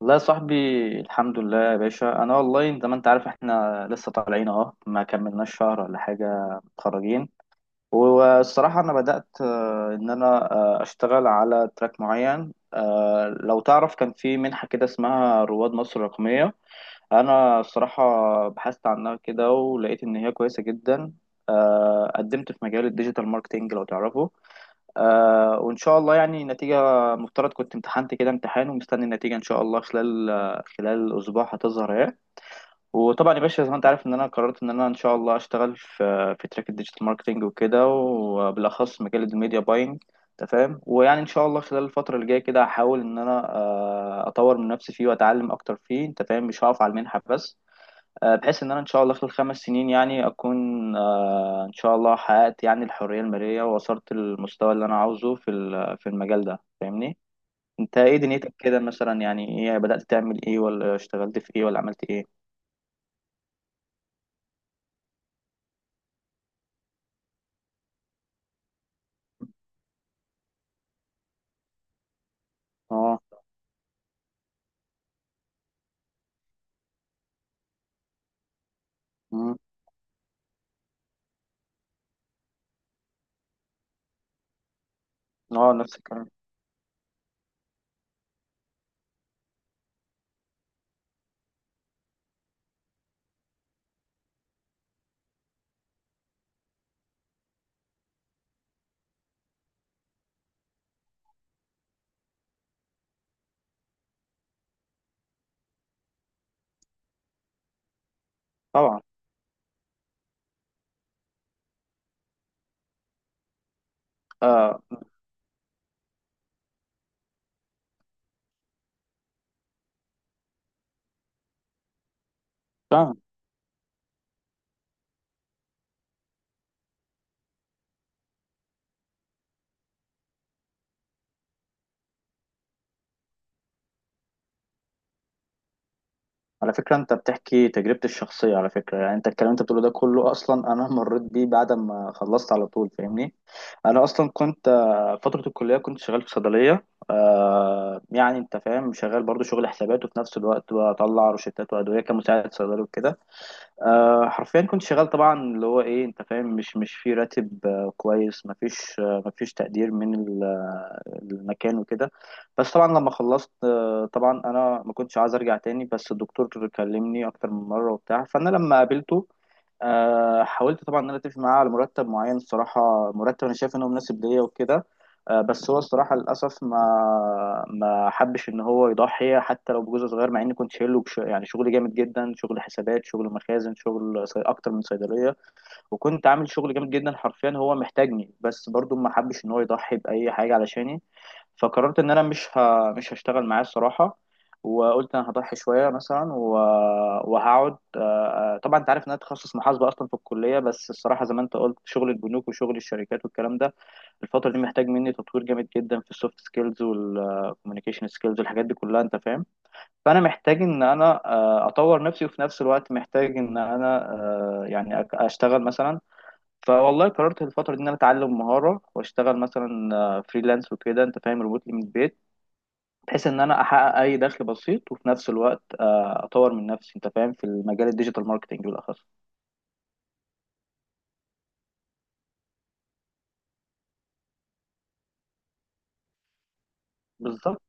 والله يا صاحبي، الحمد لله يا باشا. انا والله زي ما انت عارف احنا لسه طالعين، ما كملناش شهر ولا حاجه متخرجين. والصراحه انا بدات ان انا آه، اشتغل على تراك معين. لو تعرف كان في منحه كده اسمها رواد مصر الرقميه. انا الصراحه بحثت عنها كده ولقيت ان هي كويسه جدا. قدمت في مجال الديجيتال ماركتينج لو تعرفه. وإن شاء الله يعني النتيجة، مفترض كنت امتحنت كده امتحان ومستني النتيجة إن شاء الله خلال خلال أسبوع هتظهر أهي. وطبعا يا باشا زي ما أنت عارف إن أنا قررت إن أنا إن شاء الله أشتغل في تراك الديجيتال ماركتينج وكده، وبالأخص مجال الميديا باينج أنت فاهم. ويعني إن شاء الله خلال الفترة اللي جاية كده هحاول إن أنا أطور من نفسي فيه وأتعلم أكتر فيه، أنت فاهم، مش هقف على المنحة بس. بحيث ان انا ان شاء الله خلال 5 سنين يعني اكون ان شاء الله حققت يعني الحرية المالية، ووصلت للمستوى اللي انا عاوزه في في المجال ده فاهمني. انت ايه دنيتك كده مثلا؟ يعني ايه، بدأت تعمل ايه ولا اشتغلت في ايه ولا عملت ايه؟ اه. مم. اه نفس الكلام. طبعا. آه. على فكرة انت بتحكي تجربتي الشخصية على فكرة. يعني انت الكلام انت بتقوله ده كله اصلا انا مريت بيه بعد ما خلصت على طول فاهمني. انا اصلا كنت فترة الكلية كنت شغال في صيدلية. يعني انت فاهم شغال برضو شغل حسابات، وفي نفس الوقت بطلع روشتات وادوية كمساعد صيدلي وكده. حرفيا كنت شغال طبعا اللي هو ايه انت فاهم، مش في راتب كويس، مفيش مفيش تقدير من المكان وكده. بس طبعا لما خلصت، طبعا انا ما كنتش عايز ارجع تاني، بس الدكتور كلمني اكتر من مره وبتاع، فانا لما قابلته حاولت طبعا ان انا اتفق معاه على مرتب معين. الصراحه مرتب انا شايف انه مناسب ليا وكده. بس هو الصراحه للاسف ما حبش ان هو يضحي حتى لو بجزء صغير، مع اني كنت شايله يعني شغل جامد جدا، شغل حسابات، شغل مخازن، اكتر من صيدليه. وكنت عامل شغل جامد جدا حرفيا، هو محتاجني بس برضو ما حبش ان هو يضحي باي حاجه علشاني. فقررت ان انا مش هشتغل معاه الصراحه. وقلت انا هضحي شويه مثلا وهقعد. طبعا انت عارف ان انا تخصص محاسبه اصلا في الكليه، بس الصراحه زي ما انت قلت شغل البنوك وشغل الشركات والكلام ده الفتره دي محتاج مني تطوير جامد جدا في السوفت سكيلز والكوميونيكيشن سكيلز والحاجات دي كلها انت فاهم. فانا محتاج ان انا اطور نفسي، وفي نفس الوقت محتاج ان انا يعني اشتغل مثلا. فوالله قررت الفترة دي إن أنا أتعلم مهارة وأشتغل مثلا فريلانس وكده أنت فاهم، ريموتلي من البيت، بحيث إن أنا أحقق أي دخل بسيط، وفي نفس الوقت أطور من نفسي أنت فاهم في المجال الديجيتال ماركتينج بالأخص. بالظبط.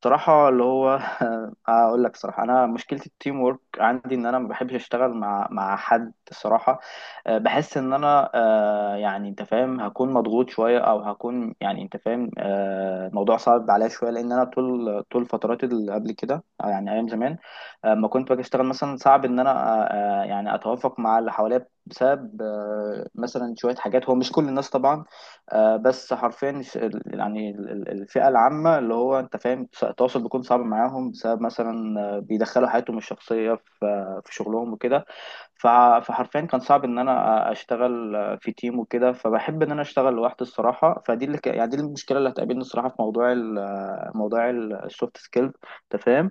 بصراحة اللي هو أقول لك صراحة أنا مشكلة التيم وورك عندي إن أنا ما بحبش أشتغل مع حد الصراحة. بحس إن أنا يعني أنت فاهم هكون مضغوط شوية، أو هكون يعني أنت فاهم الموضوع صعب عليا شوية، لأن أنا طول فترات اللي قبل كده أو يعني أيام زمان ما كنت باجي أشتغل مثلا، صعب إن أنا أه، أه، يعني أتوافق مع اللي حواليا بسبب مثلا شوية حاجات، هو مش كل الناس طبعا. بس حرفيا يعني الفئة العامة اللي هو انت فاهم التواصل بيكون صعب معاهم بسبب مثلا بيدخلوا حياتهم الشخصية في في شغلهم وكده. فحرفيا كان صعب ان انا اشتغل في تيم وكده، فبحب ان انا اشتغل لوحدي الصراحة. فدي يعني دي المشكلة اللي هتقابلني الصراحة في موضوع ال... آه، موضوع السوفت سكيلز انت فاهم.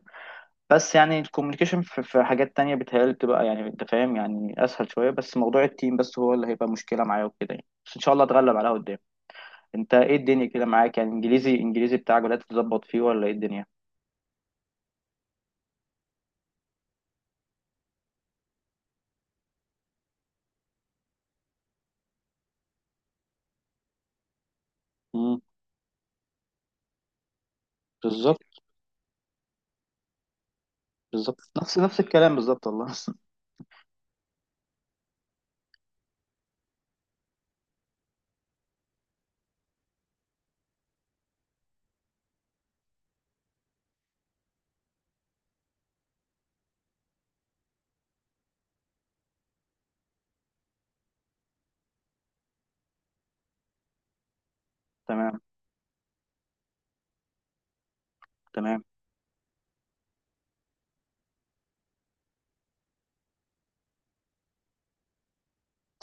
بس يعني الكوميونيكيشن في حاجات تانية بتهيألي بتبقى يعني انت فاهم يعني اسهل شوية، بس موضوع التيم بس هو اللي هيبقى مشكلة معايا وكده يعني، بس ان شاء الله اتغلب عليها قدام. انت ايه الدنيا كده معاك؟ يعني انجليزي بتاعك بدأت تظبط فيه ولا ايه الدنيا؟ مم. بالظبط. بالظبط نفس الكلام بالظبط والله تمام. تمام.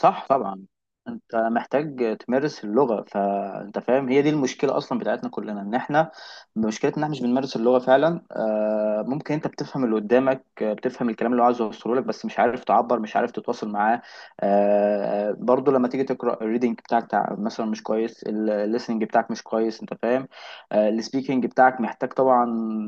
صح طبعا. انت محتاج تمارس اللغة، فانت فاهم هي دي المشكلة اصلا بتاعتنا كلنا، ان احنا مشكلتنا ان احنا مش بنمارس اللغة فعلا. ممكن انت بتفهم اللي قدامك، بتفهم الكلام اللي هو عايز يوصله لك، بس مش عارف تعبر، مش عارف تتواصل معاه. برضو لما تيجي تقرأ الريدنج بتاعك مثلا مش كويس، الليسننج بتاعك مش كويس انت فاهم. السبيكنج بتاعك محتاج طبعا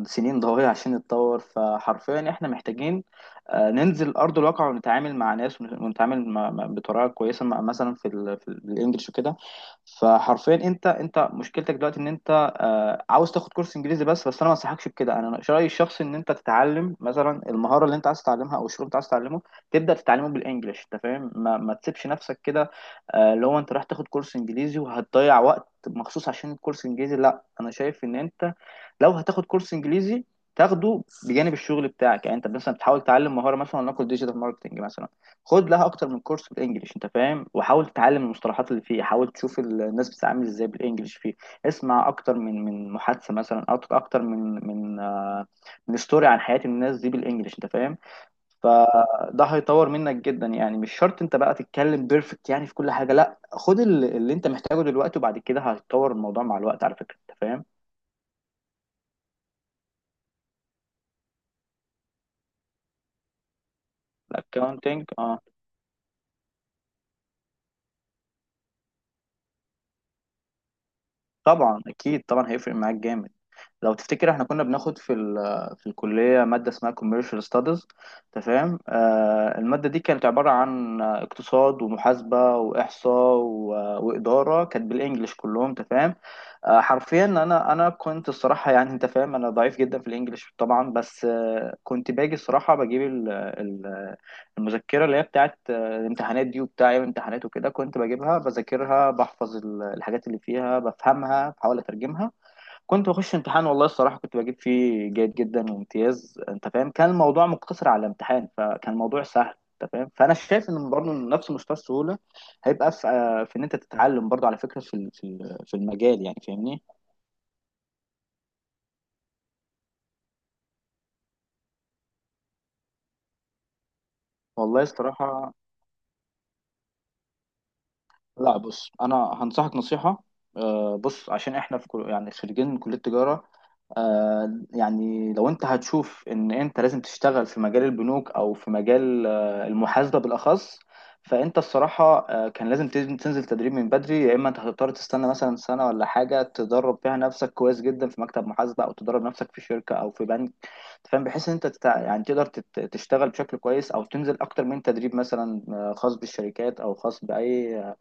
سنين ضوئية عشان يتطور. فحرفيا احنا محتاجين ننزل ارض الواقع ونتعامل مع ناس ونتعامل بطريقه كويسه مثلا في الانجليش وكده. فحرفيا انت مشكلتك دلوقتي ان انت عاوز تاخد كورس انجليزي، بس انا ما انصحكش بكده. انا رايي الشخصي ان انت تتعلم مثلا المهاره اللي انت عايز تتعلمها او الشغل اللي انت عايز تتعلمه تبدا تتعلمه بالانجليش انت فاهم، ما تسيبش نفسك كده. اللي هو انت رايح تاخد كورس انجليزي وهتضيع وقت مخصوص عشان الكورس انجليزي، لا انا شايف ان انت لو هتاخد كورس انجليزي تاخده بجانب الشغل بتاعك. يعني انت مثلا بتحاول تتعلم مهاره مثلا نقول ديجيتال ماركتنج مثلا، خد لها اكتر من كورس بالانجلش انت فاهم، وحاول تتعلم المصطلحات اللي فيه، حاول تشوف الناس بتتعامل ازاي بالانجلش فيه. اسمع اكتر من محادثه مثلا، أو اكتر من من ستوري عن حياه الناس دي بالانجلش انت فاهم. فده هيطور منك جدا، يعني مش شرط انت بقى تتكلم بيرفكت يعني في كل حاجه، لا خد اللي انت محتاجه دلوقتي وبعد كده هيتطور الموضوع مع الوقت على فكره انت فاهم. الاكونتنج اه. طبعا اكيد طبعا هيفرق معاك جامد. لو تفتكر احنا كنا بناخد في ال في الكلية مادة اسمها commercial studies تمام. آه المادة دي كانت عبارة عن اقتصاد ومحاسبة وإحصاء وإدارة، كانت بالإنجلش كلهم تمام. حرفيا انا كنت الصراحة يعني انت فاهم انا ضعيف جدا في الإنجليش طبعا، بس كنت باجي الصراحة بجيب المذكرة اللي هي بتاعت الامتحانات دي وبتاع أيام الامتحانات وكده، كنت بجيبها بذاكرها بحفظ الحاجات اللي فيها بفهمها بحاول أترجمها، كنت بخش امتحان والله الصراحة كنت بجيب فيه جيد جدا وامتياز انت فاهم. كان الموضوع مقتصر على الامتحان فكان الموضوع سهل انت فاهم. فانا شايف ان برضه نفس مستوى السهولة هيبقى في, في ان انت تتعلم برضه على فكرة في في المجال يعني فاهمني. والله الصراحة. لا بص انا هنصحك نصيحة. بص عشان احنا في يعني خريجين من كلية تجارة. يعني لو انت هتشوف ان انت لازم تشتغل في مجال البنوك او في مجال المحاسبة بالاخص، فانت الصراحة كان لازم تنزل تدريب من بدري، يا اما انت هتضطر تستنى مثلا سنة ولا حاجة تدرب فيها نفسك كويس جدا في مكتب محاسبة، او تدرب نفسك في شركة او في بنك أنت فاهم، بحيث ان انت يعني تقدر تشتغل بشكل كويس، او تنزل اكتر من تدريب مثلا خاص بالشركات او خاص باي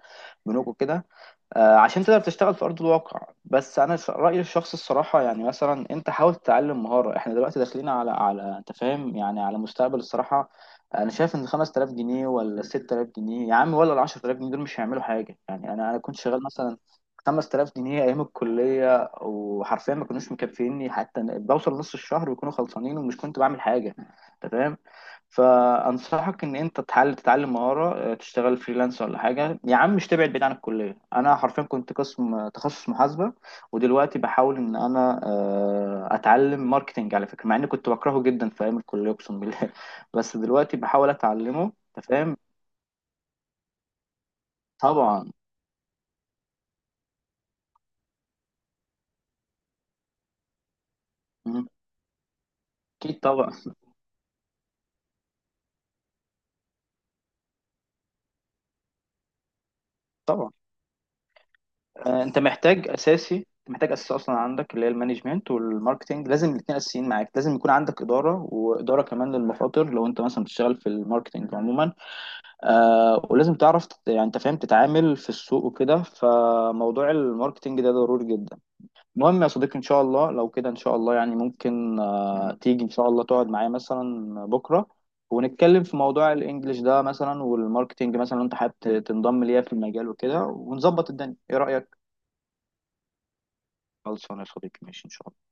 بنوك وكده. عشان تقدر تشتغل في ارض الواقع. بس انا رايي الشخصي الصراحه يعني مثلا انت حاول تتعلم مهاره، احنا دلوقتي داخلين على انت فاهم يعني على مستقبل الصراحه. انا شايف ان 5000 جنيه ولا 6000 جنيه يا عم ولا ال 10000 جنيه دول مش هيعملوا حاجه يعني. انا كنت شغال مثلا 5000 جنيه ايام الكليه وحرفيا ما كانوش مكفيني حتى بوصل نص الشهر ويكونوا خلصانين ومش كنت بعمل حاجه انت فاهم. فانصحك ان انت تحاول تتعلم مهاره تشتغل فريلانس ولا حاجه يا عم، مش تبعد بعيد عن الكليه. انا حرفيا كنت قسم تخصص محاسبه، ودلوقتي بحاول ان انا اتعلم ماركتنج على فكره، مع اني كنت بكرهه جدا في ايام الكليه اقسم بالله بس دلوقتي بحاول اتعلمه انت فاهم. طبعا. مم. اكيد طبعا طبعا. انت محتاج اساسي، محتاج اساسي اصلا عندك اللي هي المانجمنت والماركتنج، لازم الاثنين اساسيين معاك. لازم يكون عندك اداره، واداره كمان للمخاطر لو انت مثلا بتشتغل في الماركتنج عموما. ولازم تعرف يعني انت فاهم تتعامل في السوق وكده، فموضوع الماركتينج ده ضروري جدا. المهم يا صديقي ان شاء الله لو كده ان شاء الله، يعني ممكن تيجي ان شاء الله تقعد معايا مثلا بكرة ونتكلم في موضوع الانجليش ده مثلا والماركتينج مثلا، لو انت حابب تنضم ليا في المجال وكده ونظبط الدنيا. ايه رأيك؟ خلصانه يا صديقي ماشي ان شاء الله.